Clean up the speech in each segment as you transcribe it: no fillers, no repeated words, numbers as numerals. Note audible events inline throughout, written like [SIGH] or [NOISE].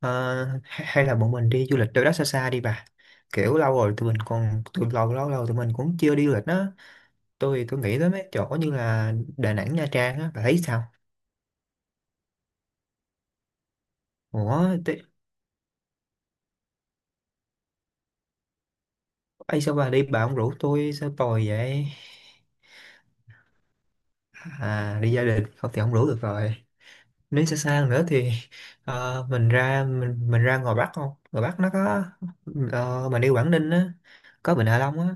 Ờ, hay hay là bọn mình đi du lịch đâu đó xa xa đi bà. Kiểu lâu rồi tụi mình còn tụi lâu lâu lâu tụi mình cũng chưa đi du lịch á. Tôi nghĩ tới mấy chỗ như là Đà Nẵng, Nha Trang á, bà thấy sao? ủa tôi, Ấy sao bà đi bà không rủ tôi sao tồi vậy? À đi gia đình không thì không rủ được rồi. Nếu xa xa nữa thì mình ra mình ra ngoài Bắc. Không, ngoài Bắc nó có mình đi Quảng Ninh á, có Vịnh Hạ Long á.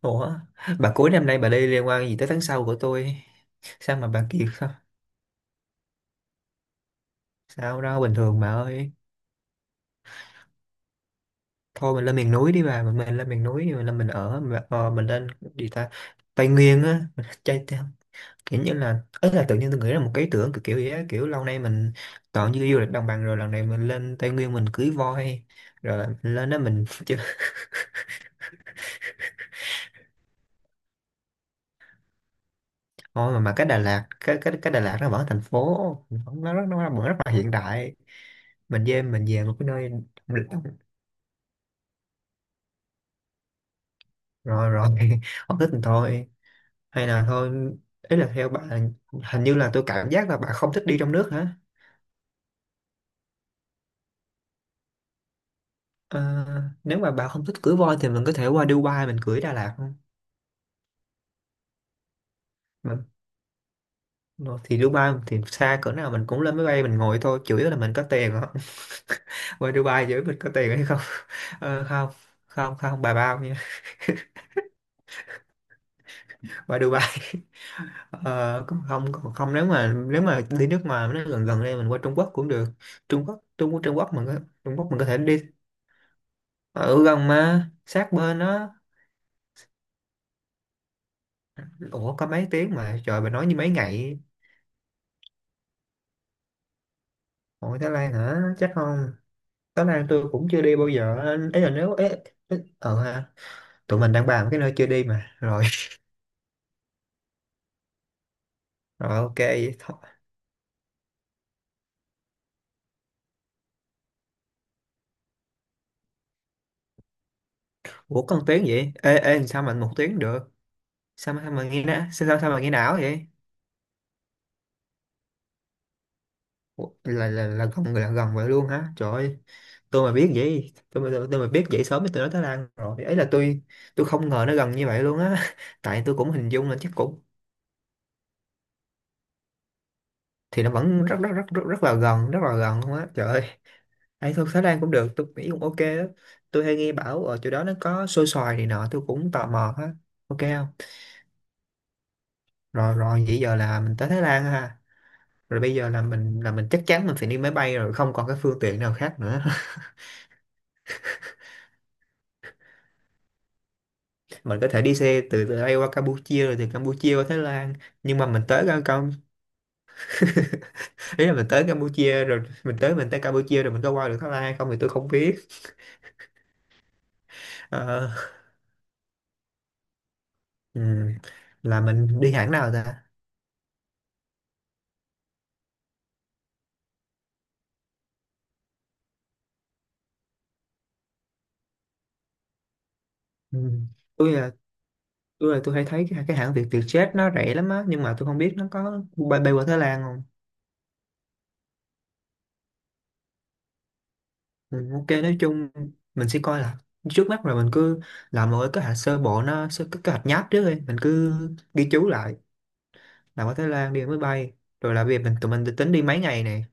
Ủa, bà cuối năm nay bà đi liên quan gì tới tháng sau của tôi? Sao mà bà kiệt sao? Sao đâu, bình thường bà ơi. Thôi mình lên miền núi đi bà, mình lên miền núi, mình lên mình ở, mình, mình lên gì ta? Tây Nguyên á, mình chơi theo. Kiểu như là, ấy là tự nhiên tôi nghĩ là một cái ý tưởng kiểu kiểu vậy á, kiểu lâu nay mình toàn như du lịch đồng bằng, rồi lần này mình lên Tây Nguyên mình cưới voi, rồi là mình lên đó mình [LAUGHS] chơi. Thôi mà, cái Đà Lạt, cái Đà Lạt nó vẫn thành phố, nó vẫn rất là hiện đại. Mình về một cái nơi. Rồi rồi [LAUGHS] không thích thì thôi. Hay là thôi, ý là theo bạn, hình như là tôi cảm giác là bạn không thích đi trong nước hả? Ờ, Nếu mà bạn không thích cưỡi voi thì mình có thể qua Dubai mình cưỡi Đà Lạt không? Mà- Rồi thì Dubai thì xa cỡ nào mình cũng lên máy bay mình ngồi thôi, chủ yếu là mình có tiền không. [LAUGHS] Qua Dubai giữa mình có tiền hay không. [LAUGHS] Không, không không bà bao nha, qua Dubai. [LAUGHS] Ờ, Cũng không, còn không, nếu mà đi nước ngoài nó gần gần đây mình qua Trung Quốc cũng được. Trung Quốc mình có, Trung Quốc mình có thể đi ở gần mà sát bên đó. Ủa có mấy tiếng mà trời bà nói như mấy ngày. Ủa Thái Lan hả, chắc không? Thái Lan tôi cũng chưa đi bao giờ. Ấy là nếu ấy, ấy, ờ ha Tụi mình đang bàn cái nơi chưa đi mà rồi. [LAUGHS] Rồi ok vậy thôi. Ủa còn tiếng vậy, ê ê sao mình một tiếng được? Sao mà nghe nã, sao sao sao mà nghe não vậy? Ủa, là gần, là gần vậy luôn hả trời ơi. Tôi mà biết vậy sớm thì tôi nói Thái Lan rồi. Ấy là Tôi không ngờ nó gần như vậy luôn á. [LAUGHS] Tại tôi cũng hình dung là chắc cũng. Thì nó vẫn rất rất rất rất, rất là gần, luôn á trời ơi. Ăn thơm Thái Lan cũng được, tôi nghĩ cũng ok đó. Tôi hay nghe bảo ở chỗ đó nó có xôi xoài này nọ, tôi cũng tò mò á. Ok không? Rồi rồi, vậy giờ là mình tới Thái Lan ha. Rồi bây giờ là mình chắc chắn mình phải đi máy bay rồi, không còn cái phương tiện nào khác nữa. [LAUGHS] Mình có thể đi xe từ từ đây qua Campuchia rồi từ Campuchia qua Thái Lan. Nhưng mà mình tới Cam Cam [LAUGHS] ý là mình tới Campuchia rồi mình tới Campuchia rồi mình có qua được Thái Lan hay không thì tôi không biết. Ờ, ừm, là mình đi hãng nào ta? Ừ. Tôi là tôi hay thấy cái hãng Việt Vietjet nó rẻ lắm á, nhưng mà tôi không biết nó có bay qua Thái Lan không. Ừ, ok nói chung mình sẽ coi là trước mắt rồi mình cứ làm một cái kế hoạch sơ bộ, nó sơ cái kế hoạch nháp trước đi, mình cứ ghi chú lại làm ở Thái Lan đi máy bay, rồi là việc tụi mình tính đi mấy ngày này.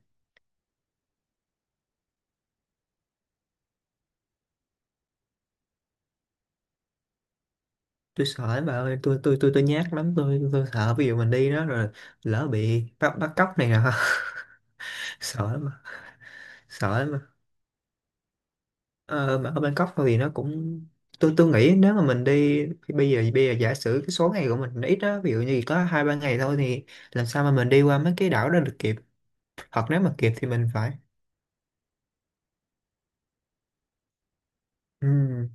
Tôi sợ lắm bà ơi, tôi nhát lắm. Tôi sợ ví dụ mình đi đó rồi lỡ bị bắt bắt cóc này nọ. [LAUGHS] Sợ lắm, sợ lắm. Ờ, mà ở Bangkok thôi thì nó cũng, tôi nghĩ nếu mà mình đi thì bây giờ giả sử cái số ngày của mình nó ít đó, ví dụ như chỉ có hai ba ngày thôi thì làm sao mà mình đi qua mấy cái đảo đó được kịp, hoặc nếu mà kịp thì mình phải... ừ,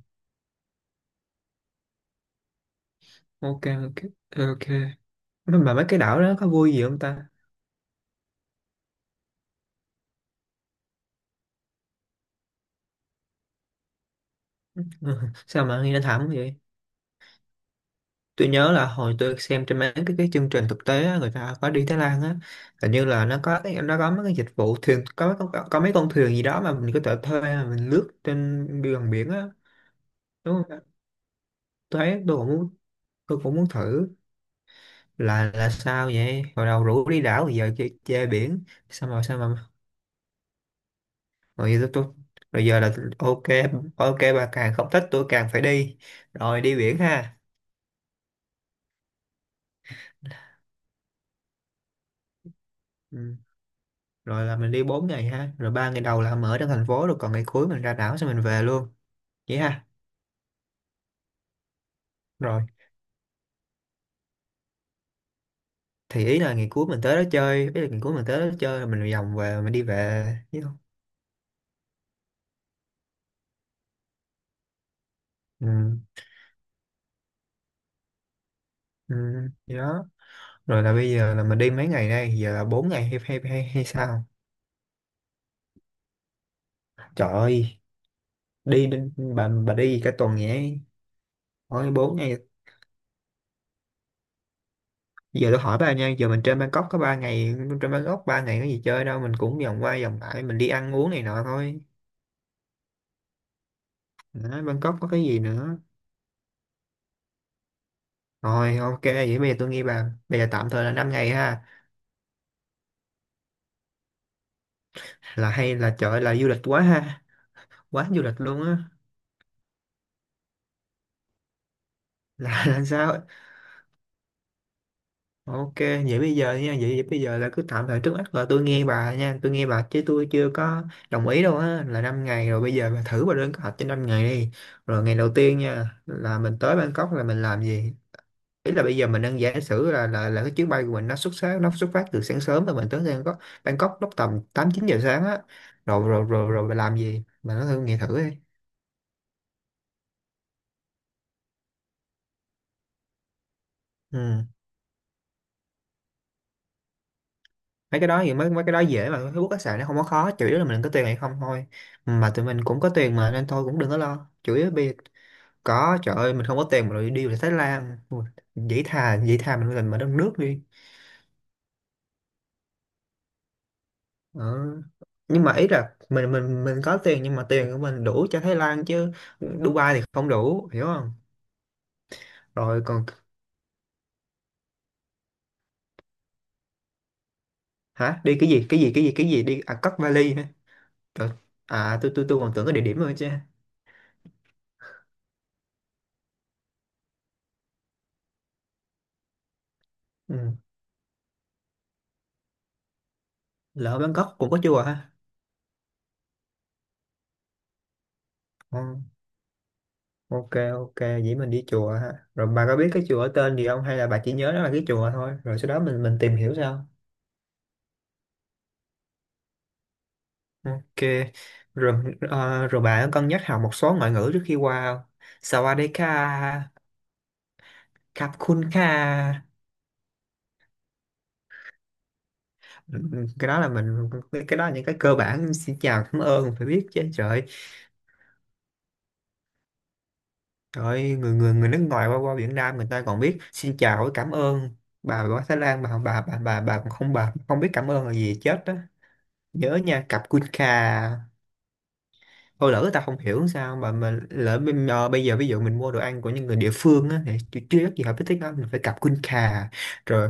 ok. Ok ok. Mà mấy cái đảo đó có vui gì không ta? Ừ, [LAUGHS] sao mà nghe nó thảm vậy. Tôi nhớ là hồi tôi xem trên cái chương trình thực tế á, người ta có đi Thái Lan á. Hình như là nó có mấy cái dịch vụ thuyền, có mấy con thuyền gì đó mà mình có thể thuê mà mình lướt trên gần biển á, đúng không? Thế tôi cũng muốn, thử. Là sao vậy, hồi đầu rủ đi đảo bây giờ chơi chơi biển. Sao mà Rồi giờ tôi, rồi giờ là ok. Ok bà càng không thích tôi càng phải đi, rồi đi biển ha. Ừ. Rồi là mình đi bốn ngày ha, rồi ba ngày đầu là mình ở trong thành phố rồi còn ngày cuối mình ra đảo xong mình về luôn, vậy ha. Rồi thì ý là ngày cuối mình tới đó chơi, ý là ngày cuối mình tới đó chơi rồi mình vòng về mình đi về chứ không. Ừ. Ừ. Vậy đó, rồi là bây giờ là mình đi mấy ngày đây, giờ là 4 ngày hay sao? Trời ơi, bà đi cả tuần vậy. Hỏi 4 ngày. Giờ tôi hỏi bà nha, giờ mình trên Bangkok có 3 ngày, trên Bangkok 3 ngày có gì chơi đâu, mình cũng vòng qua vòng lại mình đi ăn uống này nọ thôi. Đó, Bangkok có cái gì nữa. Rồi ok, vậy bây giờ tôi nghe bà, bây giờ tạm thời là 5 ngày ha. Là hay là trời ơi, là du lịch quá ha, quá du lịch luôn á. [LAUGHS] Là sao? Ok, vậy bây giờ nha, vậy bây giờ là cứ tạm thời trước mắt là tôi nghe bà nha, tôi nghe bà chứ tôi chưa có đồng ý đâu á, là 5 ngày rồi bây giờ bà thử bà lên kế hoạch cho 5 ngày đi. Rồi ngày đầu tiên nha, là mình tới Bangkok là mình làm gì? Ý là bây giờ mình đang giả sử là cái chuyến bay của mình nó xuất phát từ sáng sớm và mình tới Bangkok Bangkok lúc tầm 8 9 giờ sáng á. Rồi rồi rồi Rồi bà làm gì? Bà nói thử, nghe thử đi. Ừ. Mấy cái đó thì mấy mấy cái đó dễ mà, Facebook các sàn nó không có khó, chủ yếu là mình có tiền hay không thôi, mà tụi mình cũng có tiền mà, nên thôi cũng đừng có lo chủ yếu bây giờ. Có trời ơi, mình không có tiền mà rồi đi về Thái Lan. Ui, dĩ thà mình mà đất nước đi. Ờ. Nhưng mà ý là mình có tiền, nhưng mà tiền của mình đủ cho Thái Lan chứ Dubai thì không đủ, hiểu không. Rồi còn, hả đi cái gì đi à, cất vali hả trời. À tôi còn tưởng cái địa điểm rồi chứ. Ừ. Lỡ Bangkok cũng có chùa ha. Ừ. OK, ok, vậy mình đi chùa ha. Rồi bà có biết cái chùa ở tên gì không, hay là bà chỉ nhớ đó là cái chùa thôi, rồi sau đó mình tìm hiểu sao? OK. Rồi bà có cân nhắc học một số ngoại ngữ trước khi qua không? Sawadeka. Kapkunka. Cái đó là những cái cơ bản, xin chào, cảm ơn, mình phải biết chứ trời. Trời, người người người nước ngoài qua qua Việt Nam người ta còn biết xin chào với cảm ơn. Bà Thái Lan, bà còn không, bà không biết cảm ơn là gì chết đó. Nhớ nha, Kapkunka. Thôi lỡ người ta không hiểu sao mà bây giờ ví dụ mình mua đồ ăn của những người địa phương á, thì chưa chắc gì hợp với tiếng Anh, mình phải cặp khuôn khà. Rồi.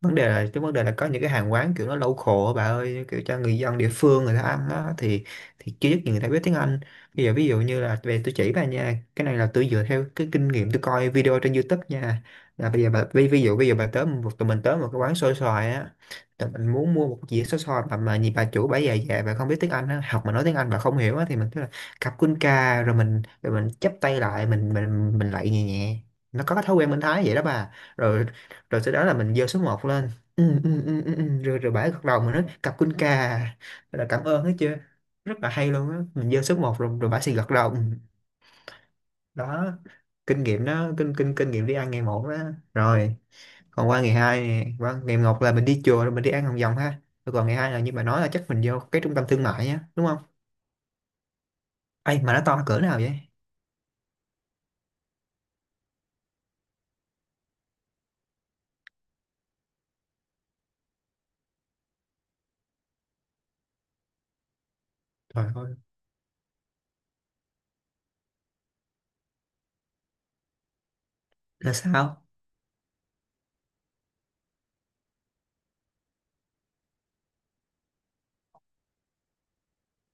Vấn đề là, cái vấn đề là có những cái hàng quán kiểu nó local á bà ơi, kiểu cho người dân địa phương người ta ăn á thì chưa chắc gì người ta biết tiếng Anh. Bây giờ ví dụ như là, về tôi chỉ bà nha, cái này là tôi dựa theo cái kinh nghiệm tôi coi video trên YouTube nha. Là bây giờ bà ví dụ bây giờ bà tới một, tụi mình tới một cái quán xôi xoài á, tụi mình muốn mua một dĩa xôi xoài mà nhìn bà chủ bà già già, bà không biết tiếng Anh á, học mà nói tiếng Anh bà không hiểu á, thì mình cứ là cặp quân ca, rồi mình chắp tay lại, mình lại nhẹ nhẹ. Nó có cái thói quen bên Thái vậy đó bà. Rồi. Rồi sau đó là mình giơ số 1 lên. Ừ, ừ, ừ, ừ, ừ. rồi rồi bả gật đầu, mình nói cặp quân cà là cảm ơn hết chưa. Rất là hay luôn á, mình giơ số một rồi rồi bả sẽ gật đầu ừ. Đó. Kinh nghiệm đó, kinh kinh kinh nghiệm đi ăn ngày 1 đó. Rồi. Còn qua ngày 2 nè, qua ngày 1 là mình đi chùa rồi mình đi ăn Hồng Vòng ha, rồi còn ngày 2 là như bà nói là chắc mình vô cái trung tâm thương mại á đúng không? Ai mà nó to cỡ nào vậy? Trời ơi. Là sao?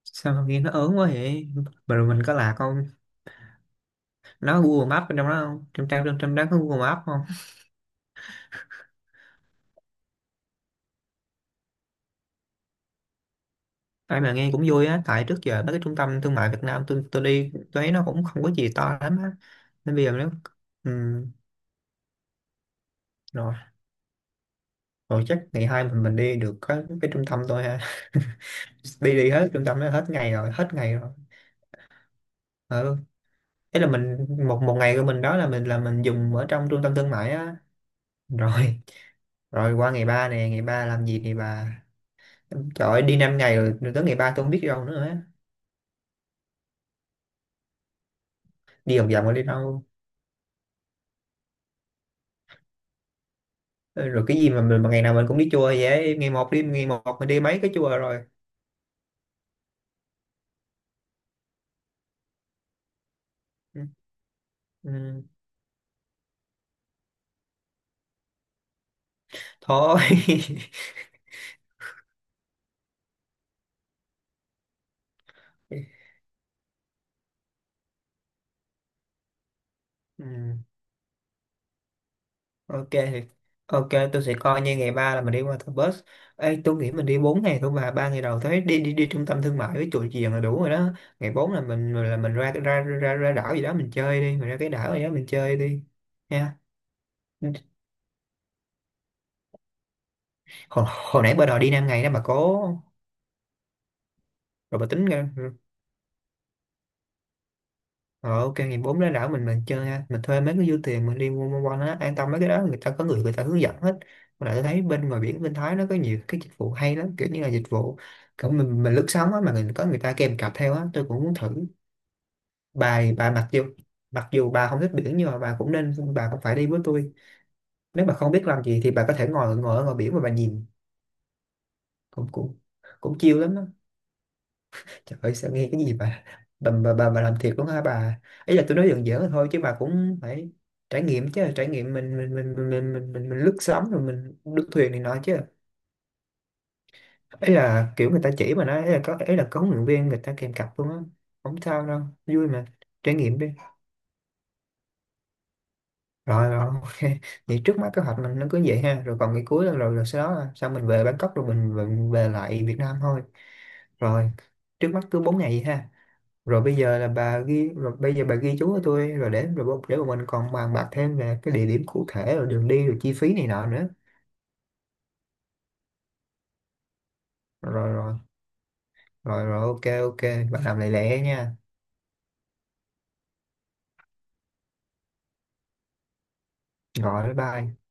Sao mà nghe nó ớn quá vậy? Mà rồi mình có lạc không? Nó Google Maps bên trong đó không, trong trang, trong trong đó có Google Maps không? Ai mà nghe cũng vui á, tại trước giờ mấy cái trung tâm thương mại Việt Nam tôi đi tôi thấy nó cũng không có gì to lắm á. Nên bây giờ nếu ừm, rồi, rồi chắc ngày 2 mình đi được cái trung tâm thôi ha. [LAUGHS] Đi đi hết trung tâm đó, hết ngày rồi, hết ngày rồi. Ừ. Thế là mình, một một ngày của mình đó là mình dùng ở trong trung tâm thương mại á. Rồi, rồi qua ngày 3 nè, ngày 3 làm gì ngày 3? Trời ơi, đi 5 ngày rồi, rồi tới ngày 3 tôi không biết đi đâu nữa á. Đi vòng vòng rồi đi đâu? Ừ, rồi cái gì mà mình mà ngày nào mình cũng đi chùa vậy, ngày 1 đi, ngày 1 mình đi mấy cái chùa rồi. Ừ, ừ, thôi. [LAUGHS] Ừ, ok, ok, tôi sẽ coi như ngày 3 là mình đi qua thờ bus. Ê, tôi nghĩ mình đi 4 ngày thôi, mà 3 ngày đầu thấy đi đi đi trung tâm thương mại với chùa chiền là đủ rồi đó. Ngày 4 là mình ra đảo gì đó mình chơi đi, mình ra cái đảo gì đó mình chơi đi, nha. Hồi nãy bà đòi đi 5 ngày đó bà cố. Rồi bà tính ra. Ờ, ok, ngày 4 ra đảo mình chơi ha, mình thuê mấy cái du thuyền mình đi quanh quanh quanh á, an tâm mấy cái đó người ta có người người ta hướng dẫn hết. Mà lại tôi thấy bên ngoài biển bên Thái nó có nhiều cái dịch vụ hay lắm, kiểu như là dịch vụ kiểu mình lướt sóng á, mà có người ta kèm cặp theo á, tôi cũng muốn thử. Bà, mặc dù bà không thích biển nhưng mà bà cũng phải đi với tôi. Nếu bà không biết làm gì thì bà có thể ngồi ngồi ở ngoài biển mà bà nhìn, cũng cũng cũng chill lắm á. Trời ơi sao nghe cái gì bà, bà làm thiệt luôn hả bà? Ấy là tôi nói giỡn giỡn thôi chứ bà cũng phải trải nghiệm chứ, trải nghiệm mình lướt sóng rồi mình lướt thuyền này nọ chứ. Ấy là kiểu người ta chỉ mà nói, ấy là có huấn luyện viên người ta kèm cặp luôn á. Không sao đâu, vui mà, trải nghiệm đi. Rồi rồi [LAUGHS] OK. Vậy trước mắt kế hoạch mình nó cứ vậy ha, rồi còn ngày cuối là, rồi rồi sau đó là sao, mình về Bangkok rồi mình về lại Việt Nam thôi. Rồi, trước mắt cứ 4 ngày vậy ha. Rồi bây giờ là bà ghi rồi bây giờ bà ghi chú cho tôi rồi để để bọn mình còn bàn bạc thêm về cái địa điểm cụ thể, rồi đường đi, rồi chi phí này nọ nữa. Rồi rồi rồi rồi, ok, ok. Bà làm lẹ lẹ nha. Rồi, bye bye.